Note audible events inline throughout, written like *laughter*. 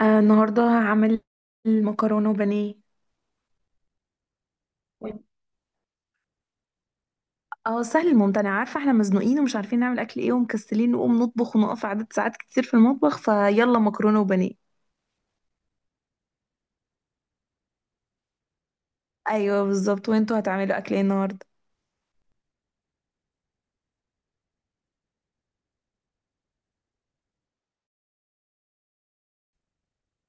آه، النهارده هعمل المكرونه وبانيه. اه، سهل الممتنع. عارفه، احنا مزنوقين ومش عارفين نعمل اكل ايه، ومكسلين نقوم نطبخ ونقف عدد ساعات كتير في المطبخ، فيلا مكرونه وبانيه. ايوه بالظبط. وانتوا هتعملوا اكل ايه النهارده؟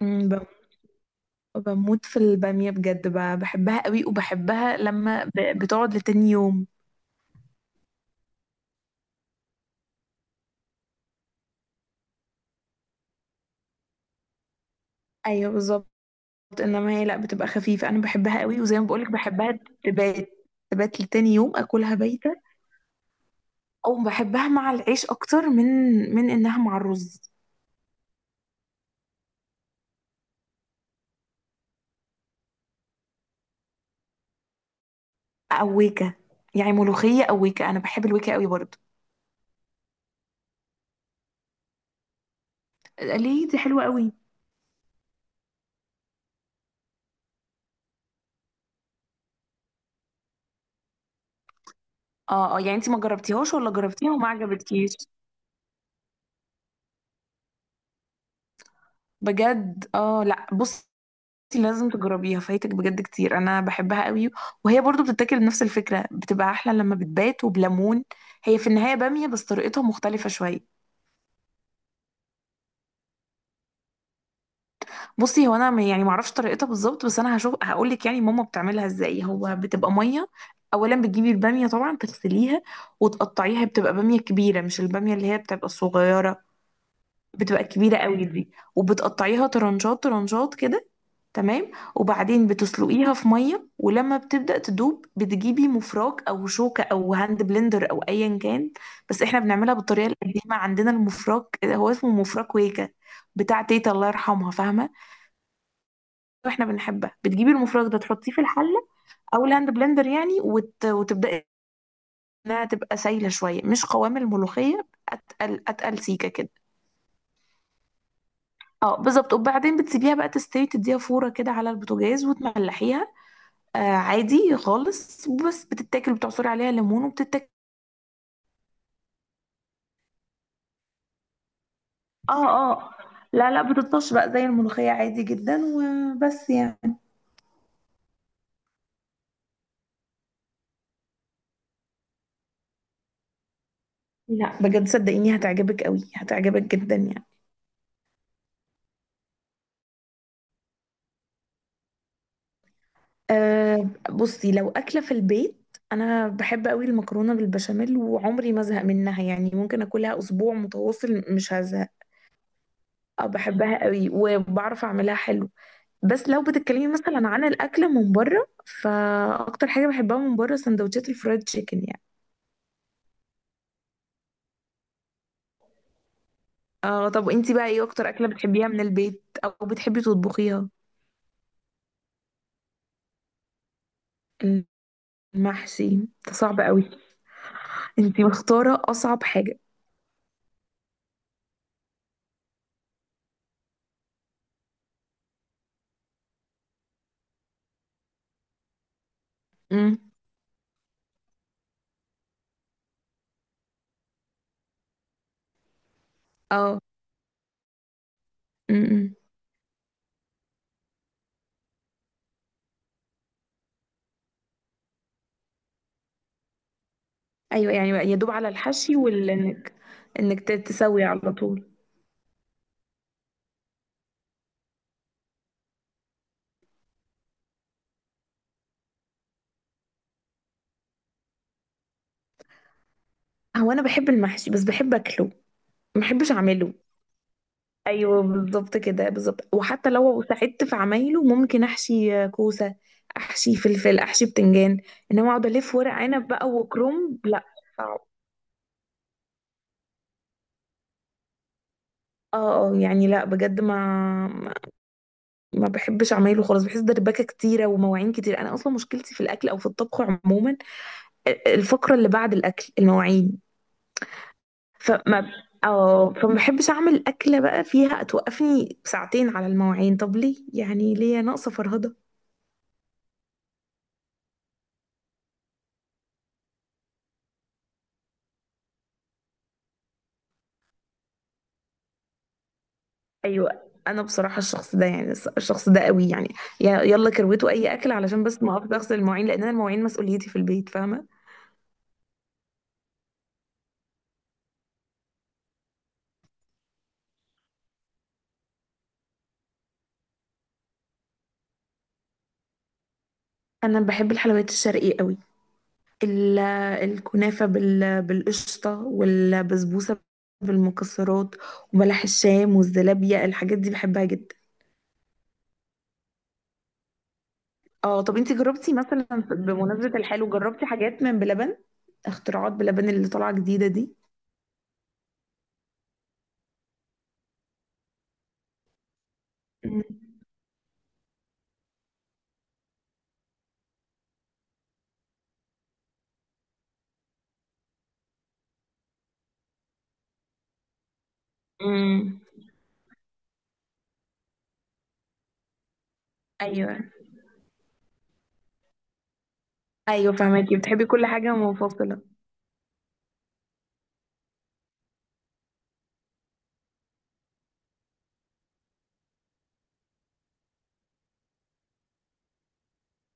مم، بم- بموت في الباميه بجد، بحبها قوي، وبحبها لما بتقعد لتاني يوم. ايوه بالظبط. انما هي لا، بتبقى خفيفه. انا بحبها قوي، وزي ما بقولك بحبها. تبات، تبات لتاني يوم اكلها بايته. او بحبها مع العيش اكتر من انها مع الرز. أويكة؟ يعني ملوخية أويكة. أنا بحب الويكة قوي برضه. ليه؟ دي حلوة قوي. اه اه، يعني انت ما جربتيهاش ولا جربتيها وما عجبتكيش؟ بجد؟ اه، لا بصي، لازم تجربيها. فايتك بجد كتير، انا بحبها قوي. وهي برضو بتتاكل بنفس الفكرة، بتبقى احلى لما بتبات، وبليمون. هي في النهاية بامية، بس طريقتها مختلفة شوية. بصي، هو انا يعني ما اعرفش طريقتها بالظبط، بس انا هشوف هقول لك يعني ماما بتعملها ازاي. هو بتبقى ميه. اولا بتجيبي الباميه، طبعا تغسليها وتقطعيها. بتبقى باميه كبيره، مش الباميه اللي هي بتبقى الصغيره. بتبقى كبيره قوي دي. وبتقطعيها طرنشات طرنشات كده، تمام. وبعدين بتسلقيها في ميه، ولما بتبدا تدوب بتجيبي مفراك او شوكه او هاند بلندر او ايا كان. بس احنا بنعملها بالطريقه القديمه، عندنا المفراك، هو اسمه مفراك ويكا، بتاع تيتا الله يرحمها، فاهمه؟ واحنا بنحبها. بتجيبي المفرغ ده تحطيه في الحله، او الهاند بلندر يعني، وتبداي انها تبقى سايله شويه، مش قوام الملوخيه، اتقل اتقل، سيكه كده. اه بالظبط. وبعدين بتسيبيها بقى تستوي، تديها فوره كده على البوتاجاز، وتملحيها. آه، عادي خالص. بس بتتاكل، بتعصري عليها ليمون وبتتاكل. اه اه، لا لا. بتطش بقى زي الملوخيه عادي جدا، وبس يعني. لا، بجد صدقيني، هتعجبك قوي، هتعجبك جدا يعني. أه، بصي لو أكلة في البيت، أنا بحب قوي المكرونة بالبشاميل، وعمري ما أزهق منها. يعني ممكن أكلها أسبوع متواصل، مش هزهق. أه بحبها قوي، وبعرف أعملها حلو. بس لو بتتكلمي مثلا عن الأكل من بره، فأكتر حاجة بحبها من بره سندوتشات الفرايد تشيكن يعني. أه، طب أنتي بقى إيه أكتر أكلة بتحبيها من البيت أو بتحبي تطبخيها؟ المحشي؟ ده صعب قوي. أنتي مختارة أصعب حاجة. امم. أه. أمم. ايوه، يعني بقى يا دوب على الحشي وال انك تسوي على طول. هو انا بحب المحشي، بس بحب اكله، ما بحبش اعمله. ايوه بالظبط كده، بالظبط. وحتى لو ساعدت في عمايله، ممكن احشي كوسه، احشي فلفل، احشي بتنجان. انما اقعد الف ورق عنب بقى وكرنب، لا، صعب. اه اه يعني لا، بجد، ما ما بحبش اعمله خالص. بحس دربكه كتيره ومواعين كتير. انا اصلا مشكلتي في الاكل او في الطبخ عموما، الفقره اللي بعد الاكل المواعين. فما اه فما بحبش اعمل اكله بقى فيها توقفني ساعتين على المواعين. طب ليه يعني؟ ليه؟ ناقصه فرهضه؟ ايوه، انا بصراحه الشخص ده، يعني الشخص ده قوي يعني. يلا كروته اي اكل، علشان بس ما اقف اغسل المواعين، لان انا المواعين مسؤوليتي في البيت، فاهمه؟ انا بحب الحلويات الشرقيه قوي، ال- الكنافه بالقشطه، والبسبوسه بالمكسرات، وبلح الشام والزلابيه، الحاجات دي بحبها جدا. اه، طب انت جربتي مثلا بمناسبة الحلو، جربتي حاجات من بلبن؟ اختراعات بلبن اللي طالعة جديدة دي؟ مم. مم. ايوه ايوه، فهماكي، بتحبي كل حاجة منفصلة.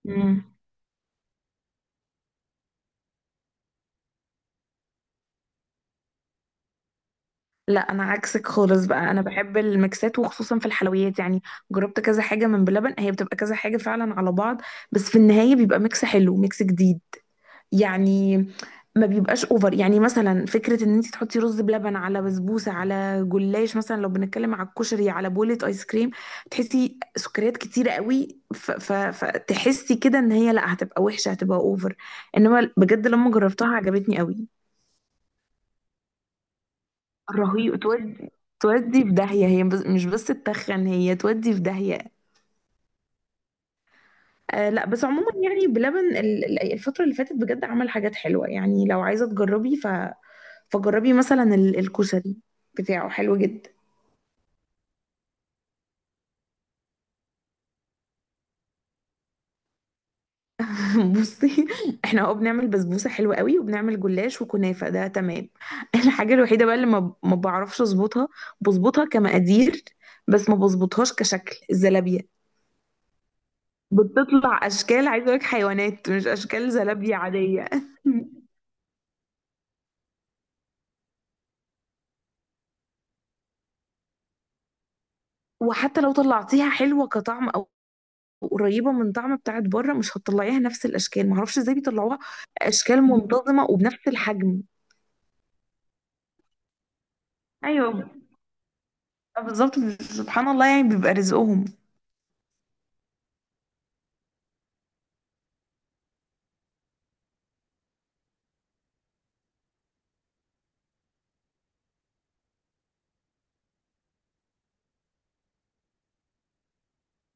مم. لا، انا عكسك خالص بقى. انا بحب الميكسات، وخصوصا في الحلويات يعني. جربت كذا حاجة من بلبن، هي بتبقى كذا حاجة فعلا على بعض، بس في النهاية بيبقى ميكس حلو، ميكس جديد يعني. ما بيبقاش اوفر. يعني مثلا فكره ان انت تحطي رز بلبن على بسبوسه على جلاش، مثلا لو بنتكلم على الكشري على بولة ايس كريم، تحسي سكريات كتيره قوي، فتحسي كده ان هي لا، هتبقى وحشه، هتبقى اوفر. انما بجد لما جربتها عجبتني قوي. رهيب. تودي، تودي في داهيه. هي بس مش بس تتخن، هي تودي في داهيه. آه لا، بس عموما يعني بلبن الفتره اللي فاتت بجد عمل حاجات حلوه. يعني لو عايزه تجربي، فجربي مثلا الكشري بتاعه حلو جدا. *laughs* بصي، احنا اه بنعمل بسبوسه حلوه قوي، وبنعمل جلاش وكنافه، ده تمام. *laughs* الحاجه الوحيده بقى اللي ما بعرفش اظبطها، بظبطها كمقادير، بس ما بظبطهاش كشكل الزلابيه. بتطلع اشكال، عايزه اقول لك حيوانات، مش اشكال زلابيه عاديه. *laughs* وحتى لو طلعتيها حلوه كطعم او قريبه من طعم بتاعت بره، مش هتطلعيها نفس الاشكال. ما اعرفش ازاي بيطلعوها اشكال منتظمه وبنفس الحجم. ايوه بالظبط، سبحان الله، يعني بيبقى رزقهم.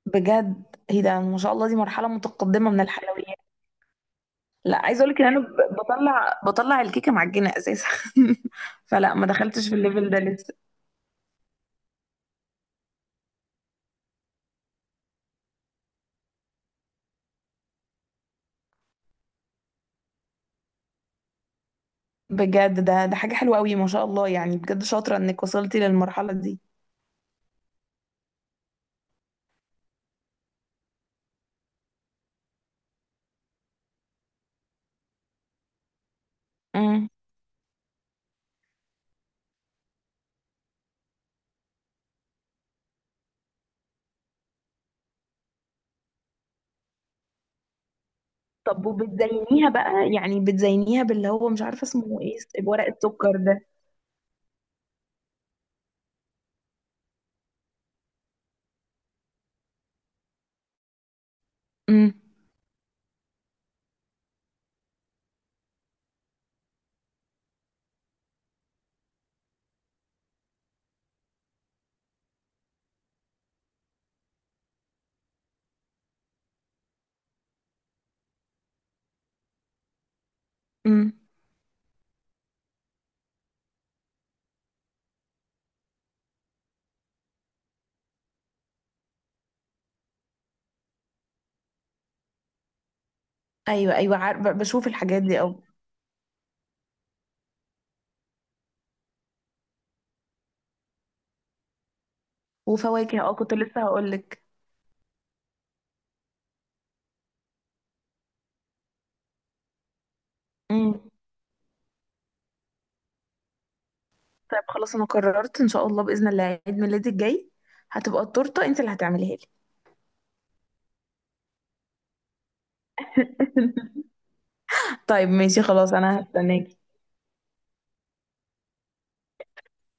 بجد؟ ايه ده، ما شاء الله، دي مرحلة متقدمة من الحلويات. لا، عايزة اقولك ان انا بطلع الكيكة معجنة اساسا. *laughs* فلا ما دخلتش في الليفل ده لسه. بجد؟ ده حاجة حلوة قوي، ما شاء الله. يعني بجد شاطرة انك وصلتي للمرحلة دي. امم طب وبتزينيها بقى، يعني بتزينيها باللي هو مش عارفة اسمه ايه؟ ورق السكر ده؟ امم. امم. ايوه ايوه، عارفة، بشوف الحاجات دي او وفواكه، اه، كنت لسه هقولك. طيب خلاص، انا قررت ان شاء الله باذن الله عيد ميلادي الجاي هتبقى التورته انت اللي هتعمليها لي. *laughs* طيب ماشي خلاص، انا هستناكي.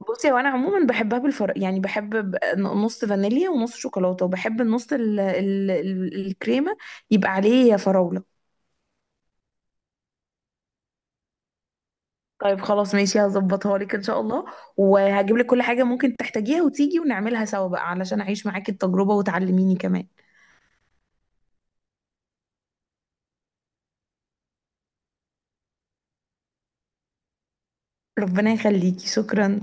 بصي، هو انا عموما بحبها بالفرق، يعني بحب نص فانيليا ونص شوكولاته، وبحب النص الكريمه يبقى عليه فراوله. طيب خلاص ماشي، هظبطها لك ان شاء الله. وهجيب لك كل حاجه ممكن تحتاجيها، وتيجي ونعملها سوا بقى علشان اعيش معاكي التجربه، وتعلميني كمان. ربنا يخليكي، شكرا.